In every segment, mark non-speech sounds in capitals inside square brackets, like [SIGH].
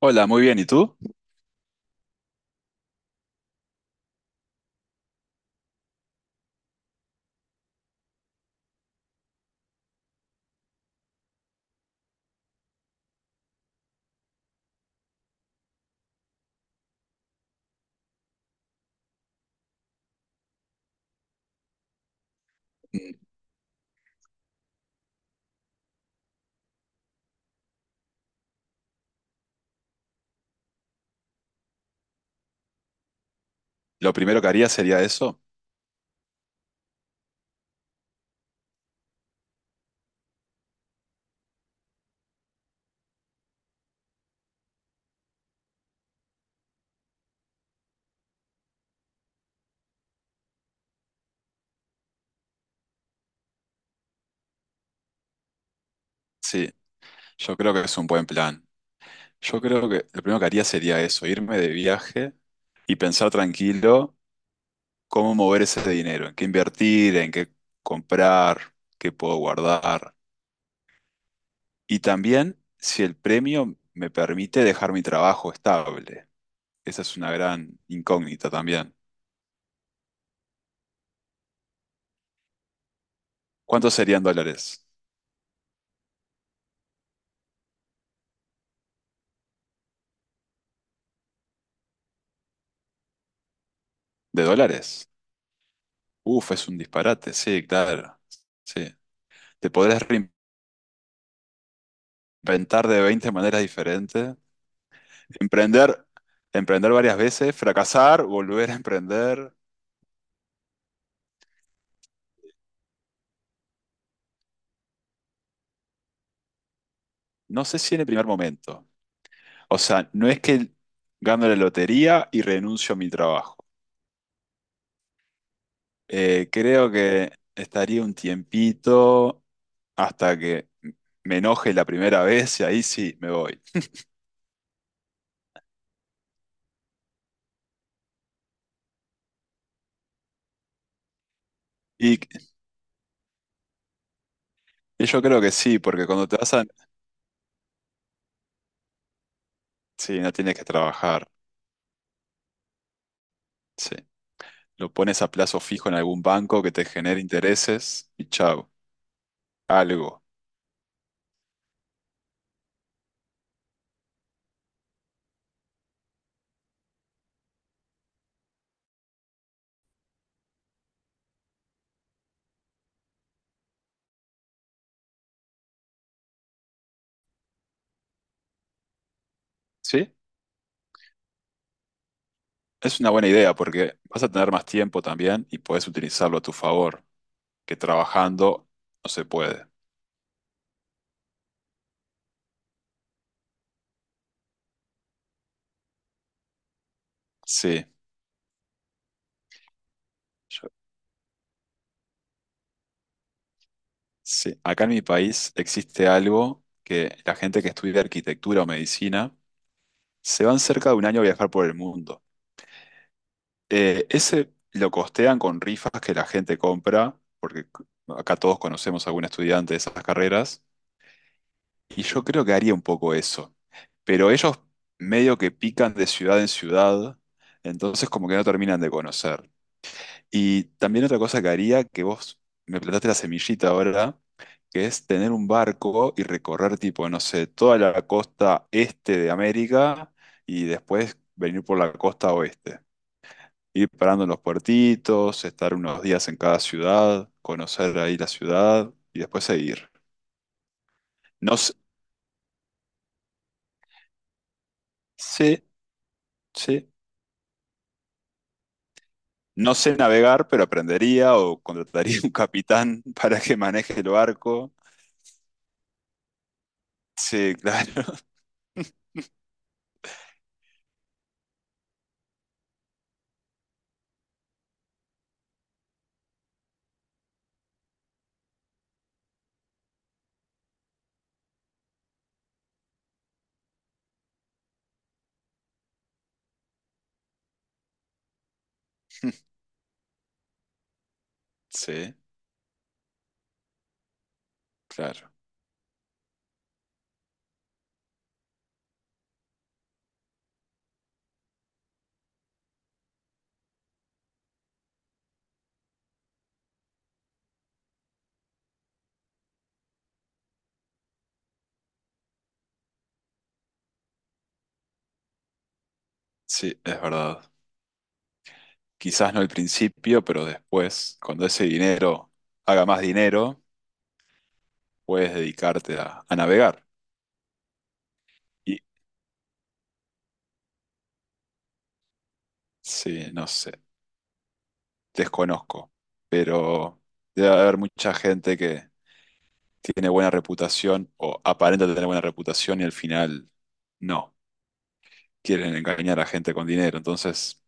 Hola, muy bien. ¿Y tú? Mm. Lo primero que haría sería eso. Sí, yo creo que es un buen plan. Yo creo que lo primero que haría sería eso, irme de viaje y pensar tranquilo cómo mover ese dinero, en qué invertir, en qué comprar, qué puedo guardar. Y también si el premio me permite dejar mi trabajo estable. Esa es una gran incógnita también. ¿Cuántos serían dólares? ¿De dólares? Uf, es un disparate. Sí, claro. Sí. Te podrás ventar de 20 maneras diferentes. Emprender, emprender varias veces, fracasar, volver a emprender. No sé si en el primer momento. O sea, no es que gano la lotería y renuncio a mi trabajo. Creo que estaría un tiempito hasta que me enoje la primera vez y ahí sí me voy. Y, y yo creo que sí, porque cuando te vas a... Sí, no tienes que trabajar. Sí. Lo pones a plazo fijo en algún banco que te genere intereses y chao, algo. ¿Sí? Es una buena idea porque vas a tener más tiempo también y puedes utilizarlo a tu favor, que trabajando no se puede. Sí, yo- sí. Acá en mi país existe algo que la gente que estudia arquitectura o medicina se van cerca de un año a viajar por el mundo. Ese lo costean con rifas que la gente compra, porque acá todos conocemos a algún estudiante de esas carreras. Y yo creo que haría un poco eso. Pero ellos medio que pican de ciudad en ciudad, entonces como que no terminan de conocer. Y también otra cosa que haría, que vos me plantaste la semillita ahora, que es tener un barco y recorrer tipo, no sé, toda la costa este de América y después venir por la costa oeste. Ir parando en los puertitos, estar unos días en cada ciudad, conocer ahí la ciudad y después seguir. No sé, sí, sí. No sé navegar, pero aprendería o contrataría un capitán [LAUGHS] para que maneje el barco. Sí, claro. [LAUGHS] Sí, claro. Sí, es verdad. Quizás no al principio, pero después, cuando ese dinero haga más dinero, puedes dedicarte a navegar. Y sí, no sé, desconozco, pero debe haber mucha gente que tiene buena reputación o aparenta tener buena reputación y al final no, quieren engañar a gente con dinero. Entonces...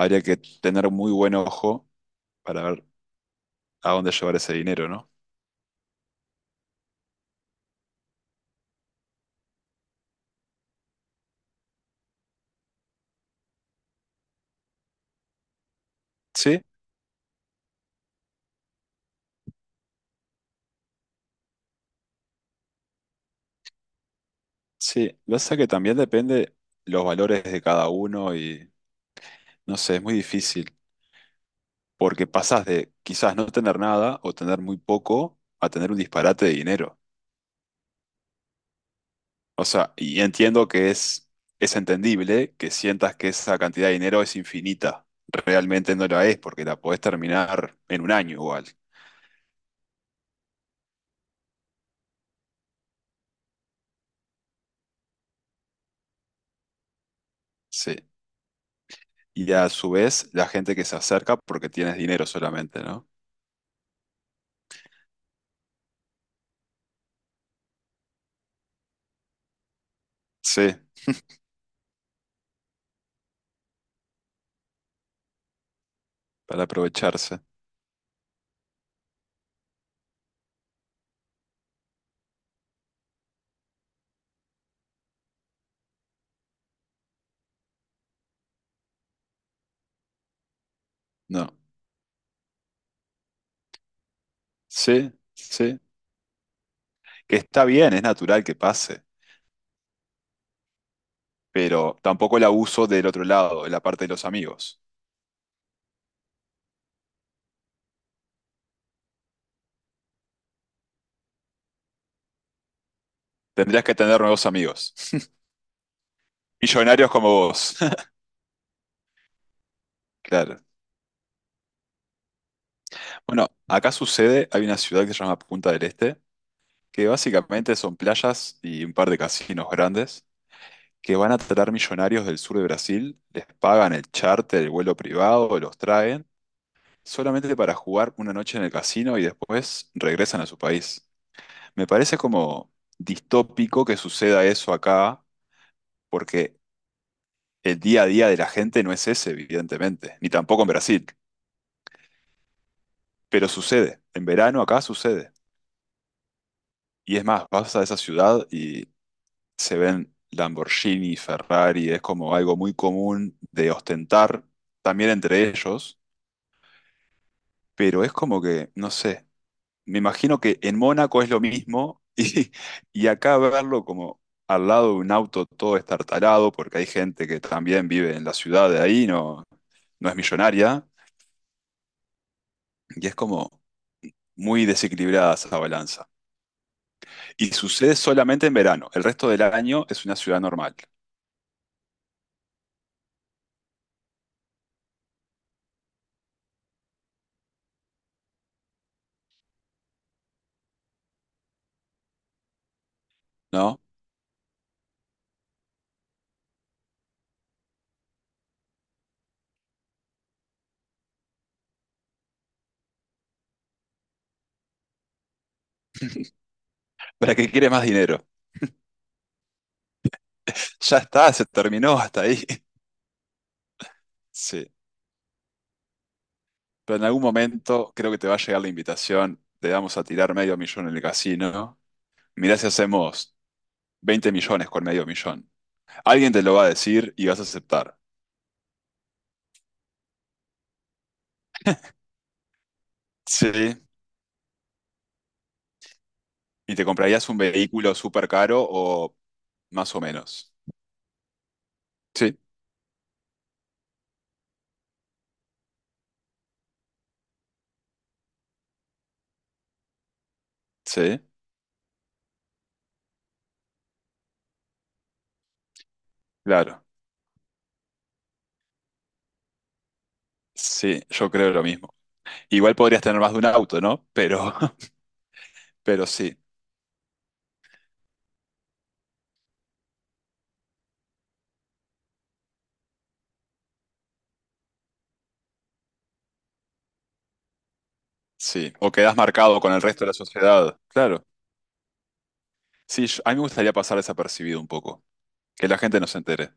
habría que tener muy buen ojo para ver a dónde llevar ese dinero, ¿no? Sí, sí. Lo que pasa es que también depende los valores de cada uno y no sé, es muy difícil porque pasás de quizás no tener nada o tener muy poco a tener un disparate de dinero. O sea, y entiendo que es entendible que sientas que esa cantidad de dinero es infinita. Realmente no la es porque la podés terminar en un año igual. Sí. Y a su vez, la gente que se acerca porque tienes dinero solamente, ¿no? Sí, para aprovecharse. No. Sí, sí. Que está bien, es natural que pase, pero tampoco el abuso del otro lado, de la parte de los amigos. Tendrías que tener nuevos amigos. [LAUGHS] Millonarios como vos. [LAUGHS] Claro. Bueno, acá sucede, hay una ciudad que se llama Punta del Este, que básicamente son playas y un par de casinos grandes que van a traer millonarios del sur de Brasil, les pagan el charter, el vuelo privado, los traen, solamente para jugar una noche en el casino y después regresan a su país. Me parece como distópico que suceda eso acá, porque el día a día de la gente no es ese, evidentemente, ni tampoco en Brasil, pero sucede. En verano acá sucede. Y es más, vas a esa ciudad y se ven Lamborghini, Ferrari, es como algo muy común de ostentar también entre ellos, pero es como que, no sé, me imagino que en Mónaco es lo mismo [LAUGHS] y acá verlo como al lado de un auto todo estartalado, porque hay gente que también vive en la ciudad de ahí, no, no es millonaria, y es como muy desequilibrada esa balanza. Y sucede solamente en verano, el resto del año es una ciudad normal, ¿no? ¿Para qué quiere más dinero? Ya está, se terminó hasta ahí. [LAUGHS] Sí, pero en algún momento creo que te va a llegar la invitación, te vamos a tirar medio millón en el casino, mirá si hacemos 20 millones con medio millón. Alguien te lo va a decir y vas a aceptar. Sí. ¿Y te comprarías un vehículo súper caro o más o menos? Sí, sí, claro. Sí, yo creo lo mismo. Igual podrías tener más de un auto, ¿no? Pero, [LAUGHS] pero sí, sí. O quedas marcado con el resto de la sociedad. Claro. Sí, a mí me gustaría pasar desapercibido un poco. Que la gente no se entere.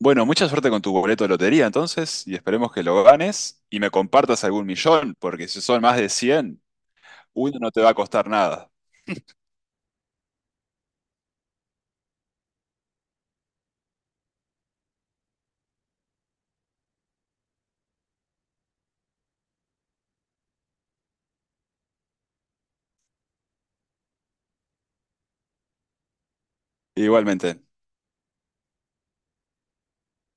Bueno, mucha suerte con tu boleto de lotería entonces y esperemos que lo ganes y me compartas algún millón, porque si son más de 100, uno no te va a costar nada. Igualmente.